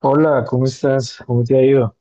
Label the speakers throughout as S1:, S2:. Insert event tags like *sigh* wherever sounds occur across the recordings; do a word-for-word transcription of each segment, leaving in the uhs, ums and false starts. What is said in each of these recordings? S1: Hola, ¿cómo estás? ¿Cómo te ha ido?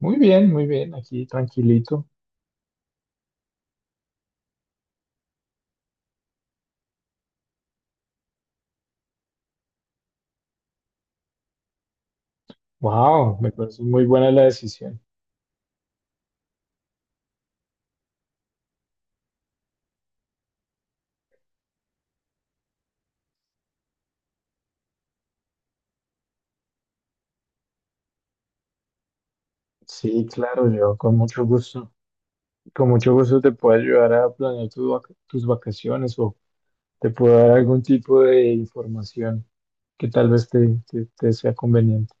S1: Muy bien, muy bien, aquí tranquilito. Wow, me parece muy buena la decisión. Sí, claro, yo con mucho gusto, con mucho gusto te puedo ayudar a planear tu vac- tus vacaciones, o te puedo dar algún tipo de información que tal vez te, te- te sea conveniente.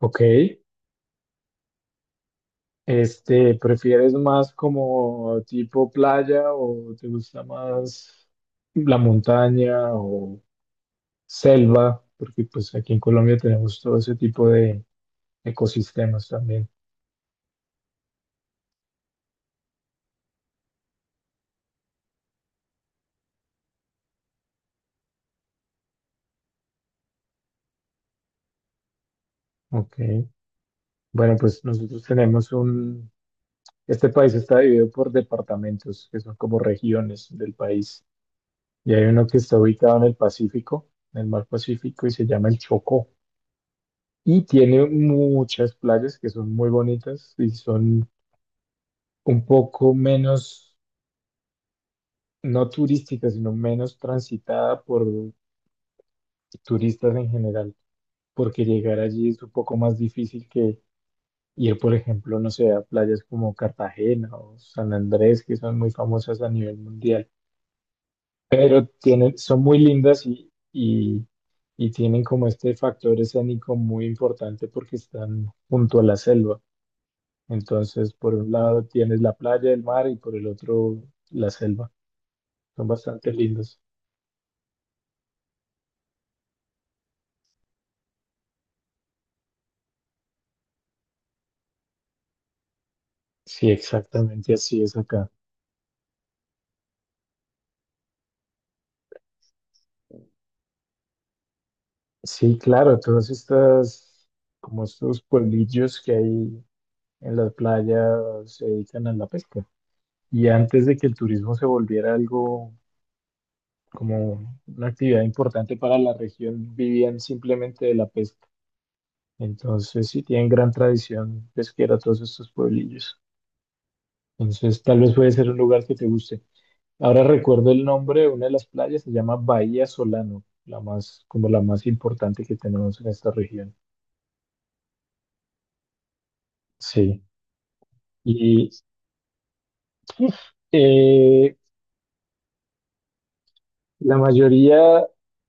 S1: Ok, este, ¿prefieres más como tipo playa o te gusta más la montaña, selva? Porque pues aquí en Colombia tenemos todo ese tipo de ecosistemas también. Ok. Bueno, pues nosotros tenemos un, este país está dividido por departamentos, que son como regiones del país. Y hay uno que está ubicado en el Pacífico, en el mar Pacífico, y se llama el Chocó. Y tiene muchas playas que son muy bonitas y son un poco menos, no turísticas, sino menos transitada por turistas en general, porque llegar allí es un poco más difícil que ir, por ejemplo, no sé, a playas como Cartagena o San Andrés, que son muy famosas a nivel mundial, pero tienen, son muy lindas y, y, y tienen como este factor escénico muy importante porque están junto a la selva. Entonces, por un lado tienes la playa, el mar, y por el otro la selva. Son bastante lindos. Sí, exactamente así es acá. Sí, claro, todos estos, como estos pueblillos que hay en las playas, se dedican a la pesca. Y antes de que el turismo se volviera algo como una actividad importante para la región, vivían simplemente de la pesca. Entonces sí tienen gran tradición pesquera todos estos pueblillos. Entonces tal vez puede ser un lugar que te guste. Ahora recuerdo el nombre de una de las playas, se llama Bahía Solano, la más, como la más importante que tenemos en esta región. Sí. Y, eh, La mayoría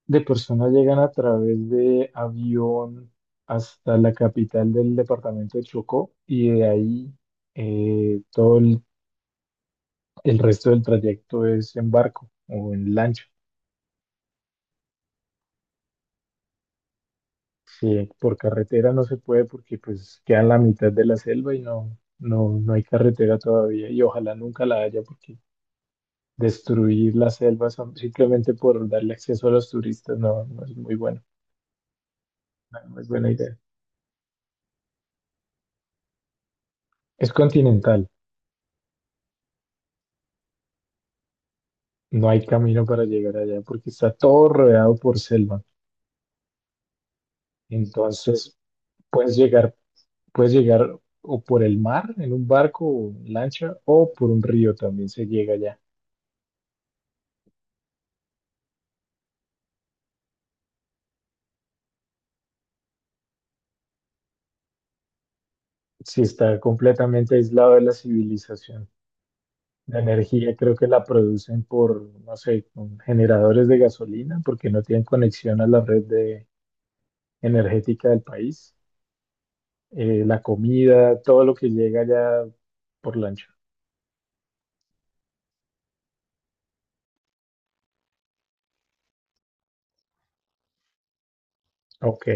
S1: de personas llegan a través de avión hasta la capital del departamento de Chocó, y de ahí eh, todo el, el resto del trayecto es en barco o en lancha. Sí, por carretera no se puede porque pues queda en la mitad de la selva y no, no, no hay carretera todavía, y ojalá nunca la haya porque destruir la selva son- simplemente por darle acceso a los turistas no, no es muy bueno, no es buena idea. Es continental. No hay camino para llegar allá porque está todo rodeado por selva. Entonces, puedes llegar, puedes llegar o por el mar en un barco o lancha, o por un río también se llega allá. Si está completamente aislado de la civilización. La energía creo que la producen por, no sé, con generadores de gasolina porque no tienen conexión a la red de, energética del país. Eh, la comida, todo lo que llega allá, por lancha. Ok.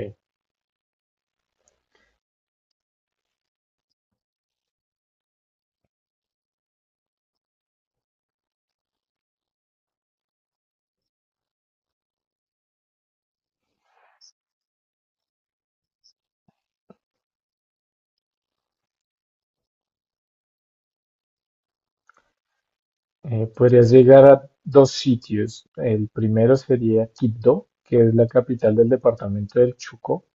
S1: Eh, podrías llegar a dos sitios. El primero sería Quibdó, que es la capital del departamento del Chocó,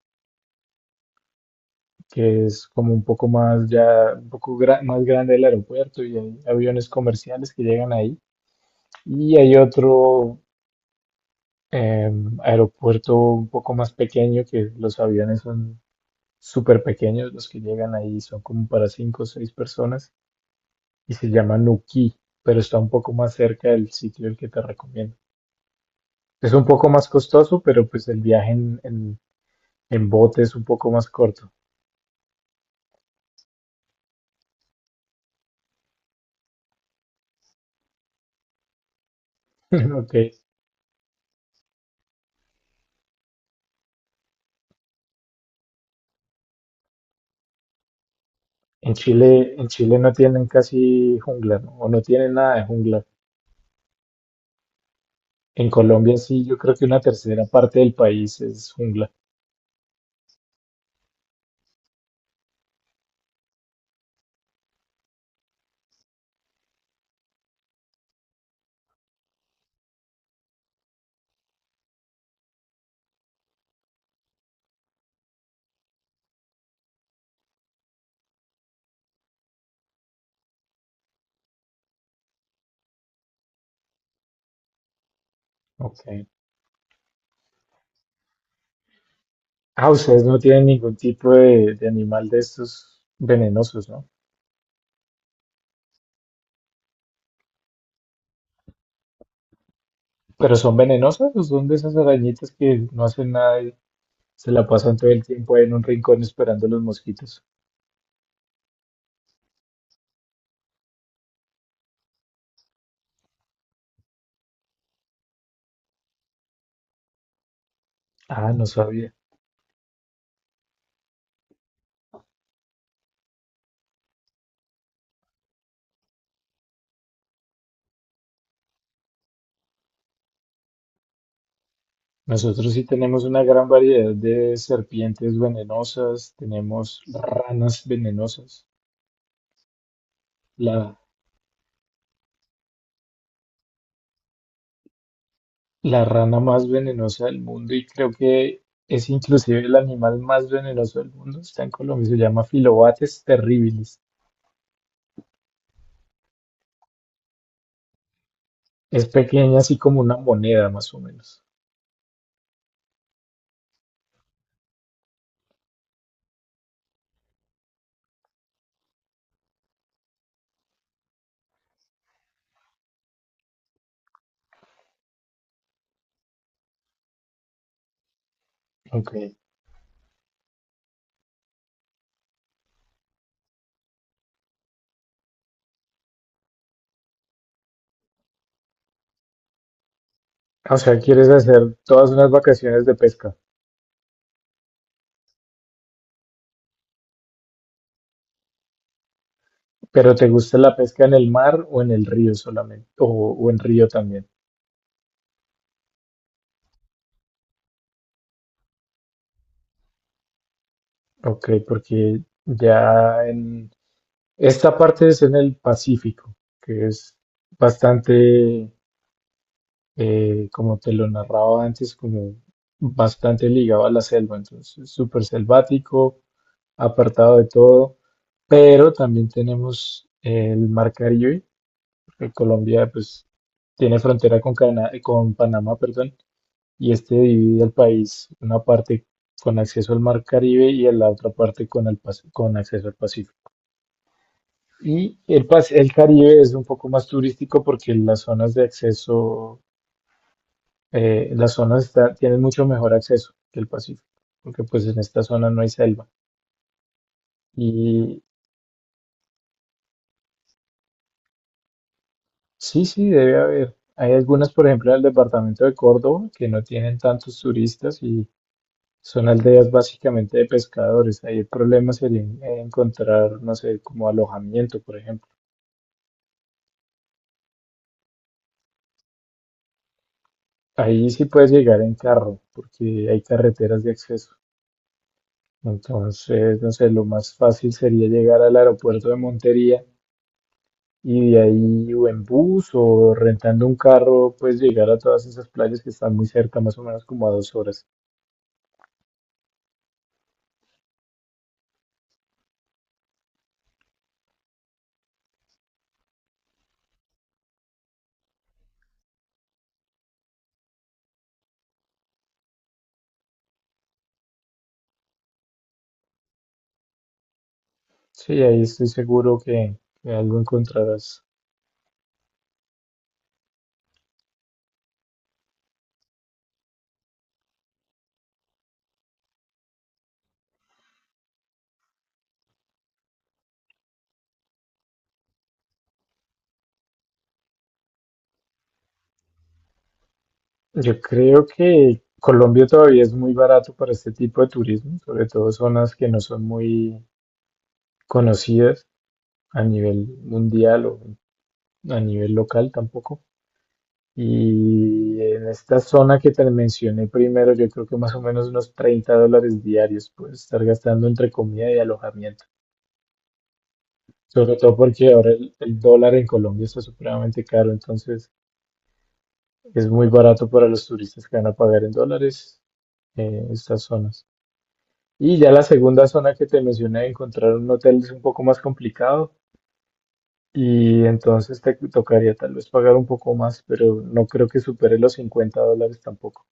S1: que es como un poco más ya, un poco gra- más grande el aeropuerto, y hay aviones comerciales que llegan ahí. Y hay otro eh, aeropuerto un poco más pequeño, que los aviones son súper pequeños, los que llegan ahí son como para cinco o seis personas, y se llama Nuquí, pero está un poco más cerca del sitio del que te recomiendo. Es un poco más costoso, pero pues el viaje en, en- en bote es un poco más corto. *laughs* Ok. En Chile, en Chile no tienen casi jungla, ¿no? O no tienen nada de jungla. En Colombia sí, yo creo que una tercera parte del país es jungla. Ok. Ah, ustedes no tienen ningún tipo de, de animal de estos venenosos, ¿no? Pero ¿son venenosas o son de esas arañitas que no hacen nada y se la pasan todo el tiempo ahí en un rincón esperando los mosquitos? Ah, no sabía. Nosotros sí tenemos una gran variedad de serpientes venenosas, tenemos ranas venenosas, la, la rana más venenosa del mundo, y creo que es inclusive el animal más venenoso del mundo, está en Colombia, se llama Filobates terribilis. Es pequeña, así como una moneda más o menos. Ok. O sea, ¿quieres hacer todas unas vacaciones de pesca, pero te gusta la pesca en el mar o en el río solamente? O, o en río también. Ok, porque ya en esta parte es en el Pacífico, que es bastante, eh, como te lo narraba antes, como bastante ligado a la selva, entonces es súper selvático, apartado de todo, pero también tenemos eh, el Mar Caribe, porque Colombia pues tiene frontera con Cana- con Panamá, perdón, y este divide el país, una parte con acceso al Mar Caribe y la otra parte con el pas- con acceso al Pacífico. Y el, pas- el Caribe es un poco más turístico porque las zonas de acceso, eh, las zonas está- tienen mucho mejor acceso que el Pacífico, porque pues en esta zona no hay selva. Y sí, sí, debe haber. Hay algunas, por ejemplo, en el departamento de Córdoba, que no tienen tantos turistas y son aldeas básicamente de pescadores. Ahí el problema sería en- encontrar, no sé, como alojamiento, por ejemplo. Ahí sí puedes llegar en carro, porque hay carreteras de acceso. Entonces, no sé, lo más fácil sería llegar al aeropuerto de Montería, y de ahí o en bus o rentando un carro, pues llegar a todas esas playas que están muy cerca, más o menos como a dos horas. Sí, ahí estoy seguro que, que algo encontrarás. Yo creo que Colombia todavía es muy barato para este tipo de turismo, sobre todo zonas que no son muy conocidas a nivel mundial o a nivel local tampoco. Y en esta zona que te mencioné primero, yo creo que más o menos unos treinta dólares diarios puedes estar gastando entre comida y alojamiento. Sobre todo porque ahora el, el dólar en Colombia está supremamente caro, entonces es muy barato para los turistas que van a pagar en dólares eh, estas zonas. Y ya la segunda zona que te mencioné, encontrar un hotel es un poco más complicado, y entonces te tocaría tal vez pagar un poco más, pero no creo que supere los cincuenta dólares tampoco.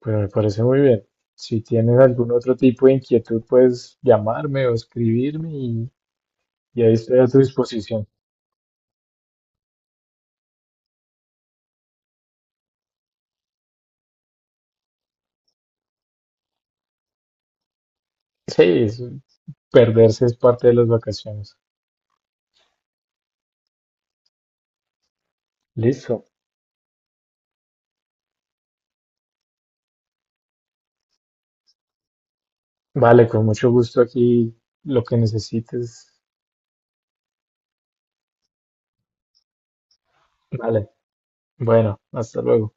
S1: Pues me parece muy bien. Si tienes algún otro tipo de inquietud, puedes llamarme o escribirme, y, y ahí estoy a tu disposición. Sí, es- perderse es parte de las vacaciones. Listo. Vale, con mucho gusto, aquí lo que necesites. Vale. Bueno, hasta luego.